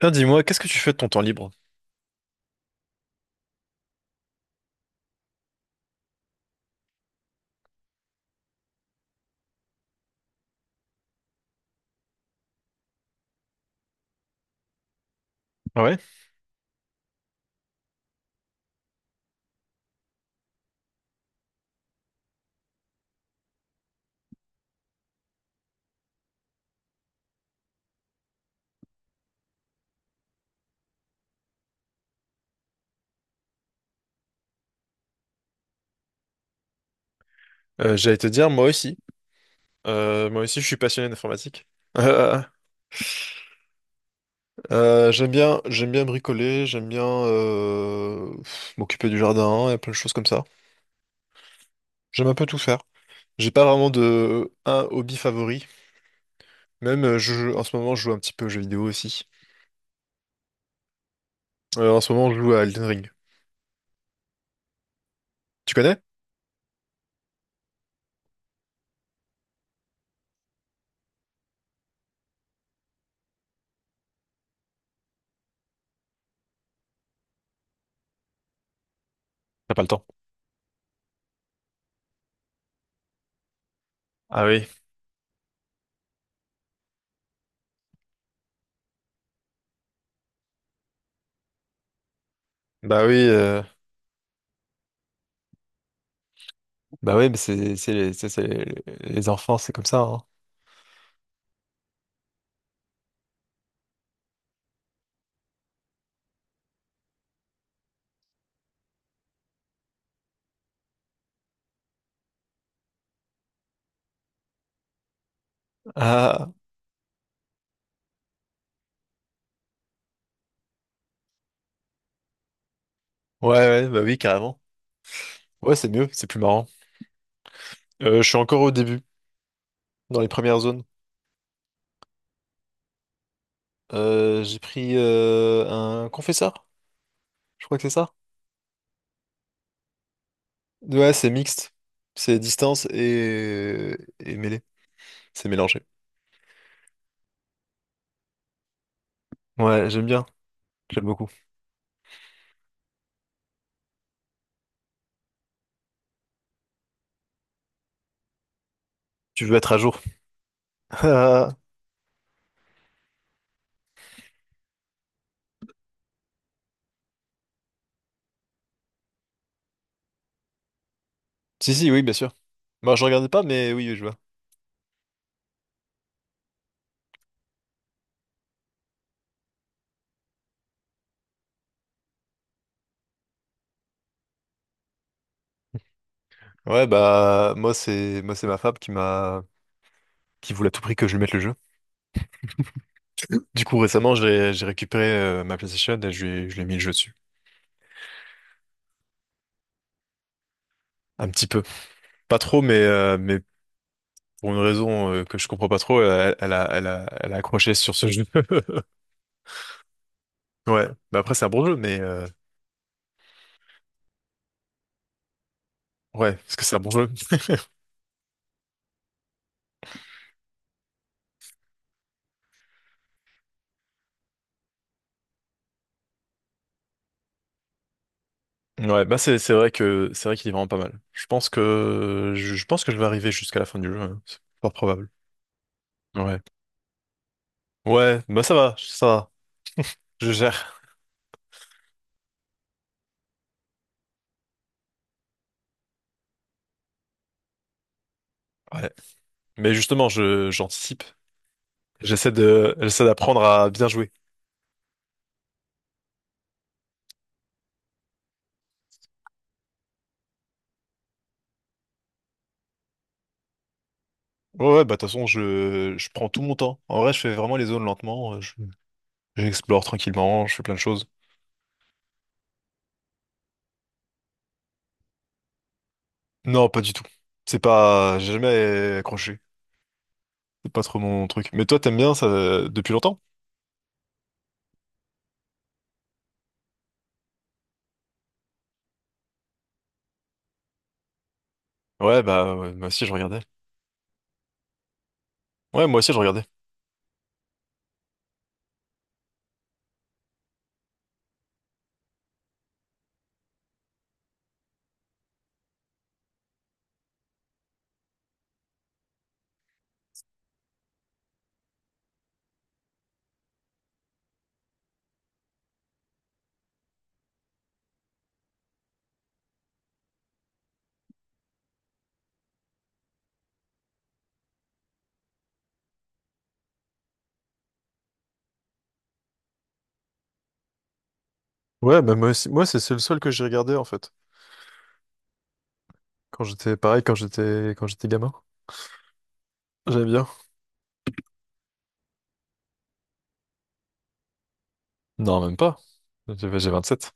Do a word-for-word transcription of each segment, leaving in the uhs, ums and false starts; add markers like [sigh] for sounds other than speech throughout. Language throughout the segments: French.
Tiens, dis-moi, qu'est-ce que tu fais de ton temps libre? Ah ouais. Euh, j'allais te dire, moi aussi. Euh, moi aussi, je suis passionné d'informatique. Euh, euh, j'aime bien, j'aime bien bricoler, j'aime bien euh, pff, m'occuper du jardin et plein de choses comme ça. J'aime un peu tout faire. J'ai pas vraiment de un hobby favori. Même euh, je, en ce moment, je joue un petit peu aux jeux vidéo aussi. Euh, en ce moment, je joue à Elden Ring. Tu connais? T'as pas le temps. Ah oui. Bah oui, euh, bah oui, mais c'est c'est les, c'est- c'est les les enfants, c'est comme ça, hein. Ah, ouais, ouais, bah oui, carrément. Ouais, c'est mieux, c'est plus marrant. Euh, je suis encore au début, dans les premières zones. Euh, j'ai pris euh, un confesseur, je crois que c'est ça. Ouais, c'est mixte. C'est distance et, et mêlée. C'est mélangé. Ouais, j'aime bien. J'aime beaucoup. Tu veux être à jour? [laughs] Ah, si, si, oui, bien sûr. Moi, je regardais pas, mais oui, oui, je vois. Ouais, bah, moi, c'est moi, c'est ma femme qui m'a qui voulait à tout prix que je lui mette le jeu. Du coup, récemment, j'ai j'ai récupéré euh, ma PlayStation et je lui, ai- je lui ai mis le jeu dessus. Un petit peu. Pas trop, mais, euh, mais pour une raison euh, que je comprends pas trop, elle, elle a, elle a, elle a accroché sur ce jeu. [laughs] Ouais. Bah après, c'est un bon jeu, mais euh, ouais, parce que c'est un bon jeu. [laughs] Ouais, bah c'est c'est vrai que c'est vrai qu'il est vraiment pas mal. Je pense que je, je pense que je vais arriver jusqu'à la fin du jeu, hein. C'est fort probable. Ouais. Ouais, bah ça va, ça va. Je gère. Ouais. Mais justement, je j'anticipe. J'essaie de j'essaie d'apprendre à bien jouer. Ouais, ouais, bah de toute façon, je, je prends tout mon temps. En vrai, je fais vraiment les zones lentement. euh, je- J'explore tranquillement, je fais plein de choses. Non, pas du tout. C'est pas... J'ai jamais accroché. C'est pas trop mon truc. Mais toi, t'aimes bien ça euh, depuis longtemps? Ouais, bah ouais, moi aussi, je regardais. Ouais, moi aussi, je regardais. Ouais, bah moi aussi, moi c'est c'est le seul que j'ai regardé en fait. Quand j'étais pareil, quand j'étais quand j'étais gamin. J'aimais bien. Non, même pas. J'ai j'ai sept.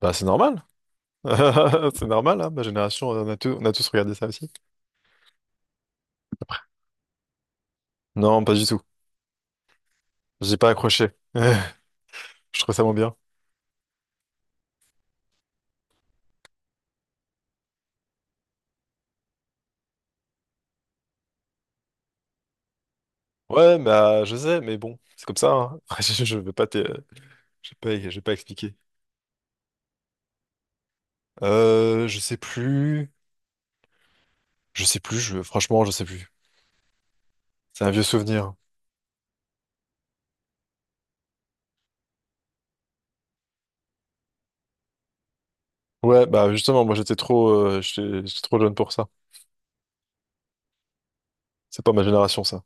Bah c'est normal. [laughs] C'est normal, hein, ma génération, on a tous, on a tous regardé ça aussi. Non, pas du tout. J'ai pas accroché. [laughs] Je trouve ça moins bien. Ouais, bah, je sais, mais bon, c'est comme ça, hein. [laughs] Je, je vais pas te, je vais pas, je vais pas expliquer. Euh, je sais plus, je sais plus, je, franchement, je sais plus. C'est un vieux souvenir. Ouais, bah, justement, moi, j'étais trop, euh, j'étais j'étais trop jeune pour ça. C'est pas ma génération, ça.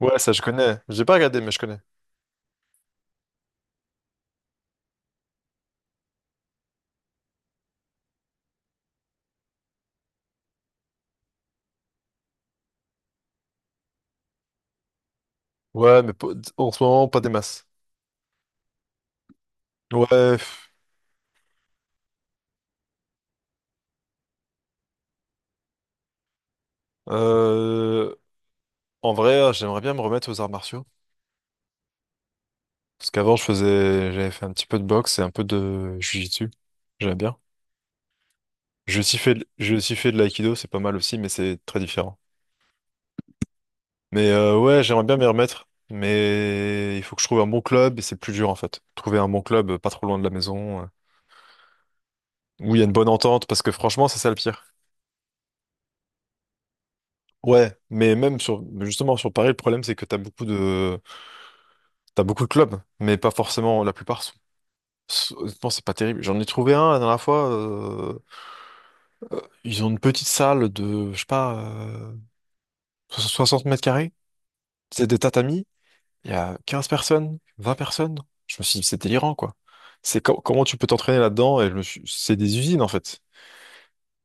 Ouais, ça, je connais. J'ai pas regardé, mais je connais. Ouais, mais pas-, en ce moment, pas des masses. Ouais, pff, euh, en vrai, hein, j'aimerais bien me remettre aux arts martiaux. Parce qu'avant, je faisais, j'avais fait un petit peu de boxe et un peu de jiu-jitsu. J'aimais bien. J'ai aussi fait, de- j'ai aussi fait de l'aïkido, c'est pas mal aussi, mais c'est très différent. Mais euh, ouais, j'aimerais bien m'y remettre, mais il faut que je trouve un bon club et c'est plus dur en fait. Trouver un bon club euh, pas trop loin de la maison, euh, où il y a une bonne entente, parce que franchement, c'est ça le pire. Ouais, mais même sur, justement sur Paris, le problème c'est que t'as beaucoup de, t'as beaucoup de clubs, mais pas forcément la plupart. Sont-, sont-, honnêtement, c'est pas terrible. J'en ai trouvé un la dernière fois. euh, euh, ils ont une petite salle de, je sais pas, euh, soixante mètres carrés. C'est des tatamis. Il y a quinze personnes, vingt personnes. Je me suis dit, c'est délirant, quoi. C'est co- comment tu peux t'entraîner là-dedans? Et je me suis- c'est des usines, en fait.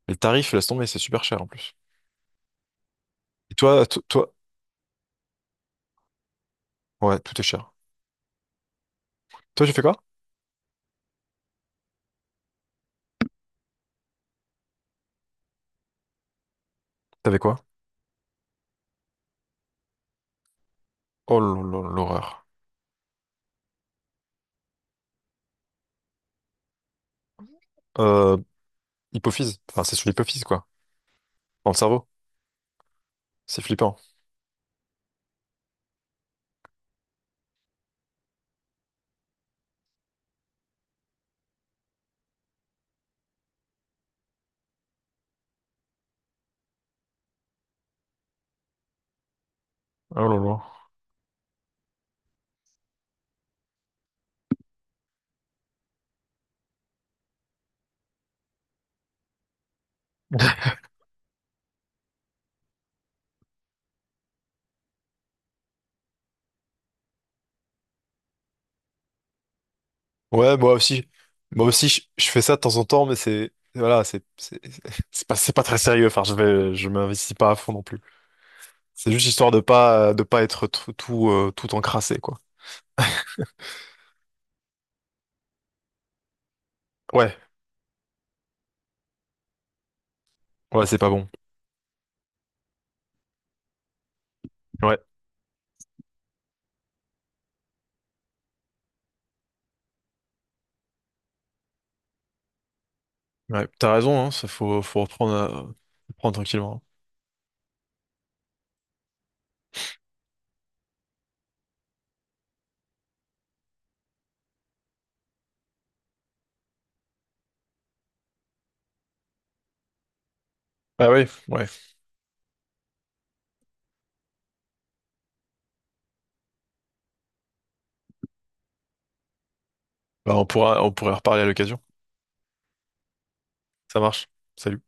Et le tarif, laisse tomber, c'est super cher, en plus. Et toi, to- toi, ouais, tout est cher. Toi, j'ai fait quoi? T'avais quoi? Oh, là là, l'horreur. Euh, hypophyse. Enfin, c'est sur l'hypophyse, quoi. Dans le cerveau. C'est flippant. Oh là là. Ouais, moi aussi. Moi aussi, je, je fais ça de temps en temps, mais c'est, voilà, c'est, c'est, [laughs] c'est pas, c'est pas très sérieux. Enfin, je vais, je m'investis pas à fond non plus. C'est juste histoire de pas, de pas être tout, tout, euh, tout encrassé, quoi. Ouais, ouais, c'est pas bon. Ouais, ouais, t'as raison, hein, ça faut, faut reprendre, à- reprendre tranquillement. Ah oui, ouais, bah, on pourra, on pourrait reparler à l'occasion. Ça marche. Salut.